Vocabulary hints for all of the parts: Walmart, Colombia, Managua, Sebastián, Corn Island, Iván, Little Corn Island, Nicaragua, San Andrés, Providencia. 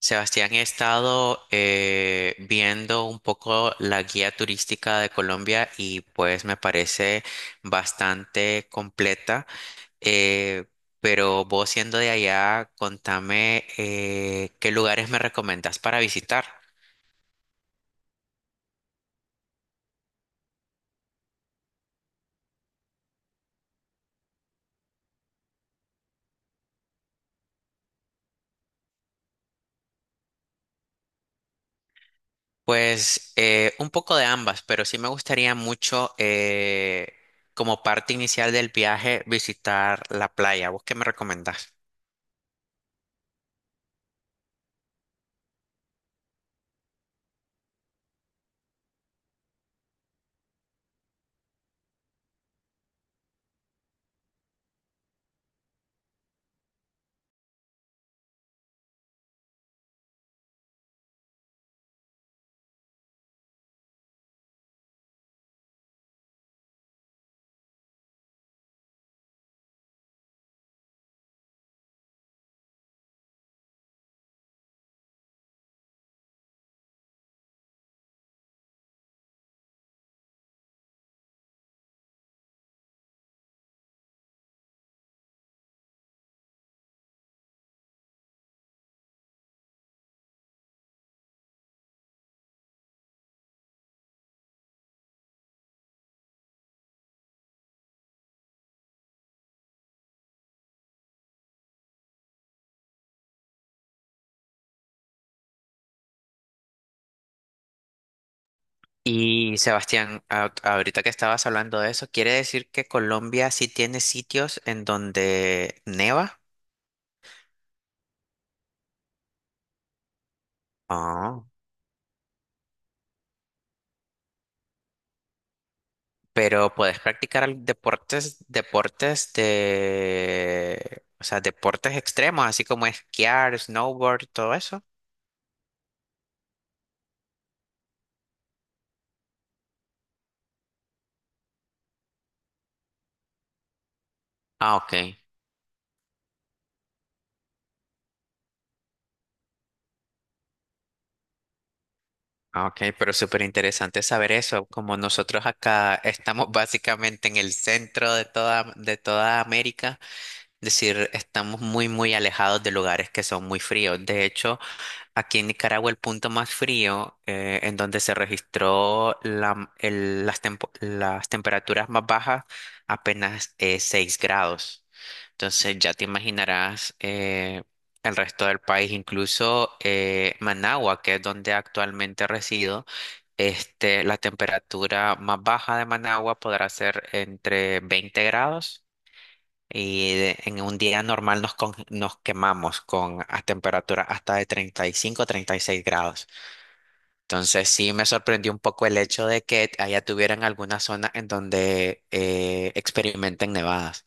Sebastián, he estado viendo un poco la guía turística de Colombia y pues me parece bastante completa. Eh, pero vos siendo de allá, contame qué lugares me recomendas para visitar. Pues un poco de ambas, pero sí me gustaría mucho como parte inicial del viaje visitar la playa. ¿Vos qué me recomendás? Y Sebastián, ahorita que estabas hablando de eso, ¿quiere decir que Colombia sí tiene sitios en donde neva? Ah, pero puedes practicar deportes, o sea, deportes extremos, así como esquiar, snowboard, todo eso. Ah, ok. Ah, ok, pero súper interesante saber eso, como nosotros acá estamos básicamente en el centro de toda América, es decir, estamos muy, muy alejados de lugares que son muy fríos. De hecho, aquí en Nicaragua el punto más frío en donde se registró las temperaturas más bajas apenas es 6 grados. Entonces ya te imaginarás el resto del país, incluso Managua, que es donde actualmente resido, este, la temperatura más baja de Managua podrá ser entre 20 grados y en un día normal nos quemamos con a temperatura hasta de 30, 35, 36 grados. Entonces sí me sorprendió un poco el hecho de que allá tuvieran alguna zona en donde experimenten nevadas.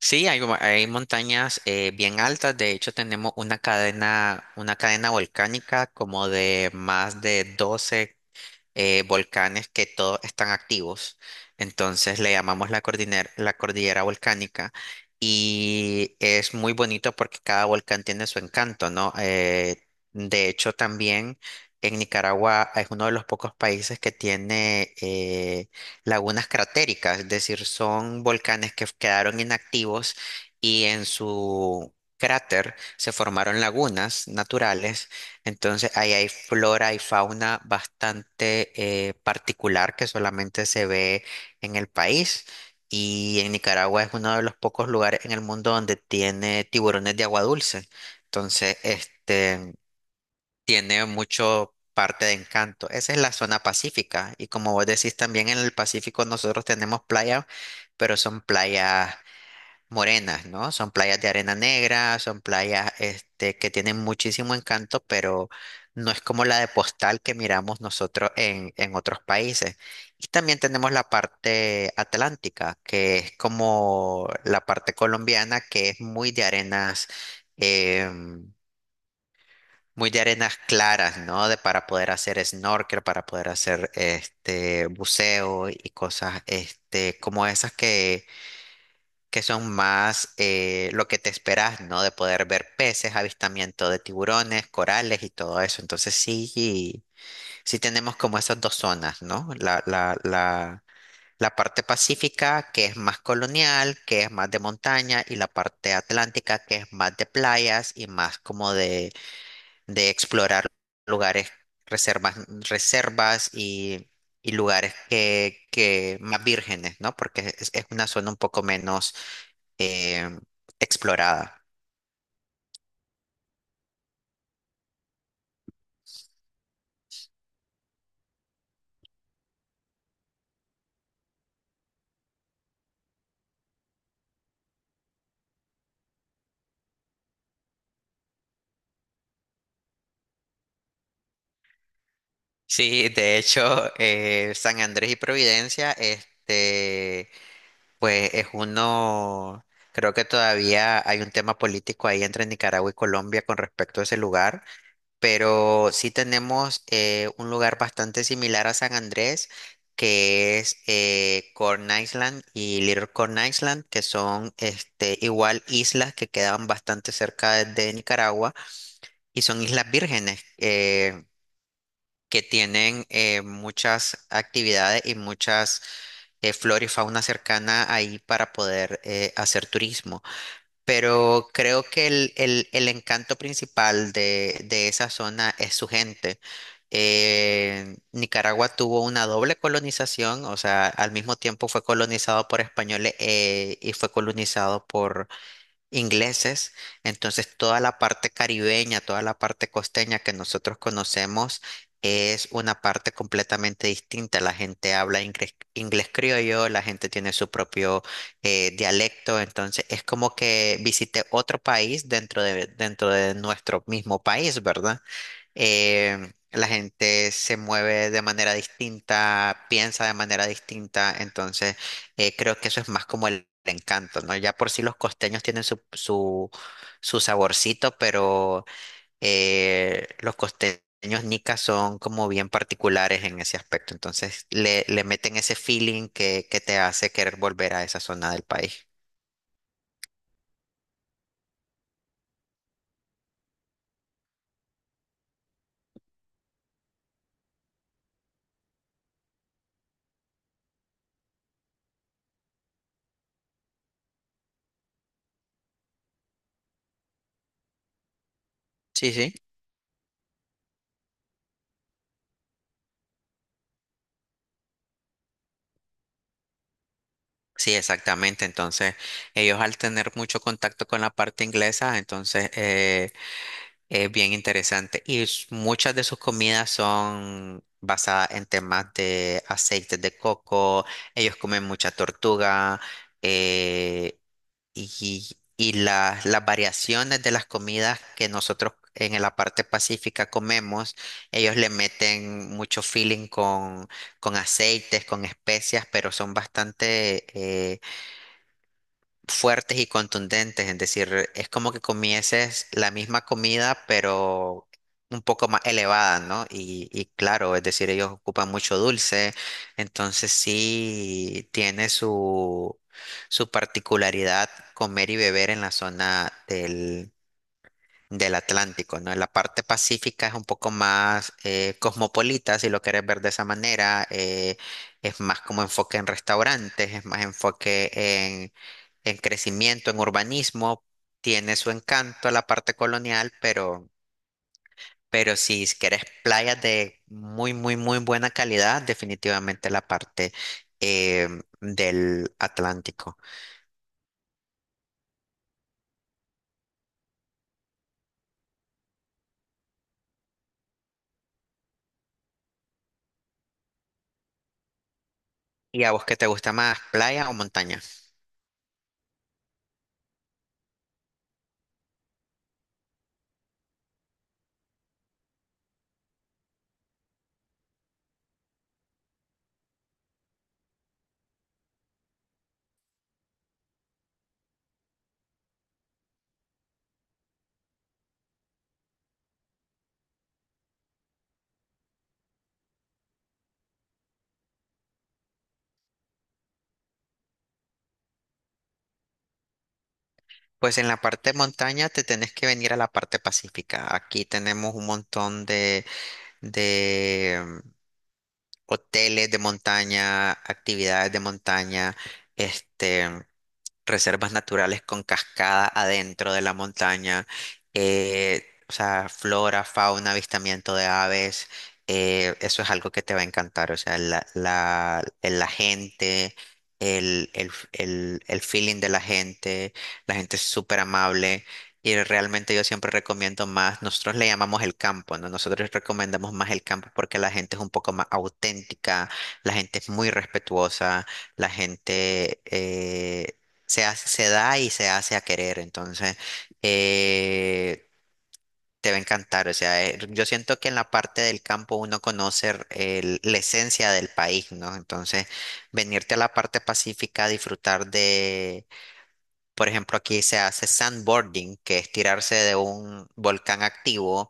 Sí, hay montañas bien altas. De hecho, tenemos una cadena volcánica como de más de 12 volcanes que todos están activos. Entonces le llamamos la cordillera volcánica y es muy bonito porque cada volcán tiene su encanto, ¿no? De hecho, también en Nicaragua es uno de los pocos países que tiene lagunas cratéricas, es decir, son volcanes que quedaron inactivos y en su cráter se formaron lagunas naturales. Entonces, ahí hay flora y fauna bastante particular que solamente se ve en el país. Y en Nicaragua es uno de los pocos lugares en el mundo donde tiene tiburones de agua dulce. Entonces, este tiene mucho parte de encanto. Esa es la zona pacífica. Y como vos decís, también en el Pacífico nosotros tenemos playas, pero son playas morenas, ¿no? Son playas de arena negra, son playas este, que tienen muchísimo encanto, pero no es como la de postal que miramos nosotros en otros países. Y también tenemos la parte atlántica, que es como la parte colombiana, que es muy de arenas, em, muy de arenas claras, ¿no? De Para poder hacer snorkel, para poder hacer este buceo y cosas este, como esas que son más lo que te esperas, ¿no? De poder ver peces, avistamiento de tiburones, corales y todo eso. Entonces sí, sí tenemos como esas dos zonas, ¿no? La parte pacífica, que es más colonial, que es más de montaña, y la parte atlántica, que es más de playas y más como de explorar lugares, reservas, reservas y lugares que más vírgenes, ¿no? Porque es una zona un poco menos eh, explorada. Sí, de hecho, San Andrés y Providencia, este, pues es uno, creo que todavía hay un tema político ahí entre Nicaragua y Colombia con respecto a ese lugar, pero sí tenemos un lugar bastante similar a San Andrés, que es Corn Island y Little Corn Island, que son este, igual islas que quedan bastante cerca de Nicaragua y son islas vírgenes. Que tienen muchas actividades y muchas flora y fauna cercana ahí para poder hacer turismo. Pero creo que el encanto principal de esa zona es su gente. Nicaragua tuvo una doble colonización, o sea, al mismo tiempo fue colonizado por españoles y fue colonizado ingleses, entonces toda la parte caribeña, toda la parte costeña que nosotros conocemos es una parte completamente distinta. La gente habla inglés, criollo, la gente tiene su propio dialecto, entonces es como que visité otro país dentro de nuestro mismo país, ¿verdad? La gente se mueve de manera distinta, piensa de manera distinta, entonces creo que eso es más como el encanto, ¿no? Ya por sí los costeños tienen su saborcito, pero los costeños nicas son como bien particulares en ese aspecto, entonces le meten ese feeling que te hace querer volver a esa zona del país. Sí, sí. Sí, exactamente. Entonces, ellos al tener mucho contacto con la parte inglesa, entonces es bien interesante. Y muchas de sus comidas son basadas en temas de aceites de coco. Ellos comen mucha tortuga. eh, y las variaciones de las comidas que nosotros en la parte pacífica comemos, ellos le meten mucho feeling con aceites, con especias, pero son bastante fuertes y contundentes, es decir, es como que comieses la misma comida, pero un poco más elevada, ¿no? Y claro, es decir, ellos ocupan mucho dulce, entonces sí tiene su particularidad comer y beber en la zona del Atlántico, ¿no? En la parte pacífica es un poco más cosmopolita, si lo quieres ver de esa manera. Es más como enfoque en restaurantes, es más enfoque en el crecimiento en urbanismo. Tiene su encanto a la parte colonial, pero si querés playas de muy, muy, muy buena calidad, definitivamente la parte eh, del Atlántico. ¿Y a vos qué te gusta más, playa o montaña? Pues en la parte de montaña te tenés que venir a la parte pacífica. Aquí tenemos un montón de hoteles de montaña, actividades de montaña, este... reservas naturales con cascada adentro de la montaña, o sea, flora, fauna, avistamiento de aves, eso es algo que te va a encantar, o sea, la gente, el feeling de la gente es súper amable. Y realmente yo siempre recomiendo más, nosotros le llamamos el campo, ¿no? Nosotros recomendamos más el campo porque la gente es un poco más auténtica, la gente es muy respetuosa, la gente, se da y se hace a querer, entonces eh, te va a encantar. O sea, yo siento que en la parte del campo uno conoce la esencia del país, ¿no? Entonces, venirte a la parte pacífica a disfrutar de, por ejemplo, aquí se hace sandboarding, que es tirarse de un volcán activo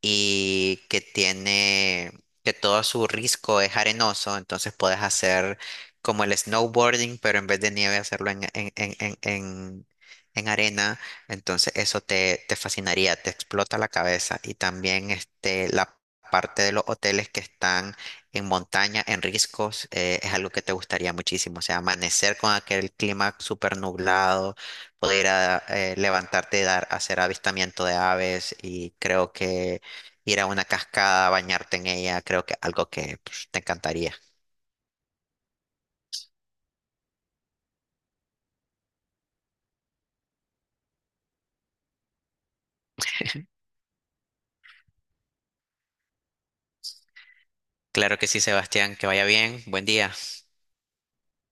y que todo su risco es arenoso, entonces puedes hacer como el snowboarding, pero en vez de nieve hacerlo en arena, entonces eso te fascinaría, te explota la cabeza. Y también este, la parte de los hoteles que están en montaña, en riscos, es algo que te gustaría muchísimo, o sea, amanecer con aquel clima súper nublado poder levantarte, dar, hacer avistamiento de aves y creo que ir a una cascada, bañarte en ella, creo que algo que pues, te encantaría. Claro que sí, Sebastián, que vaya bien, buen día.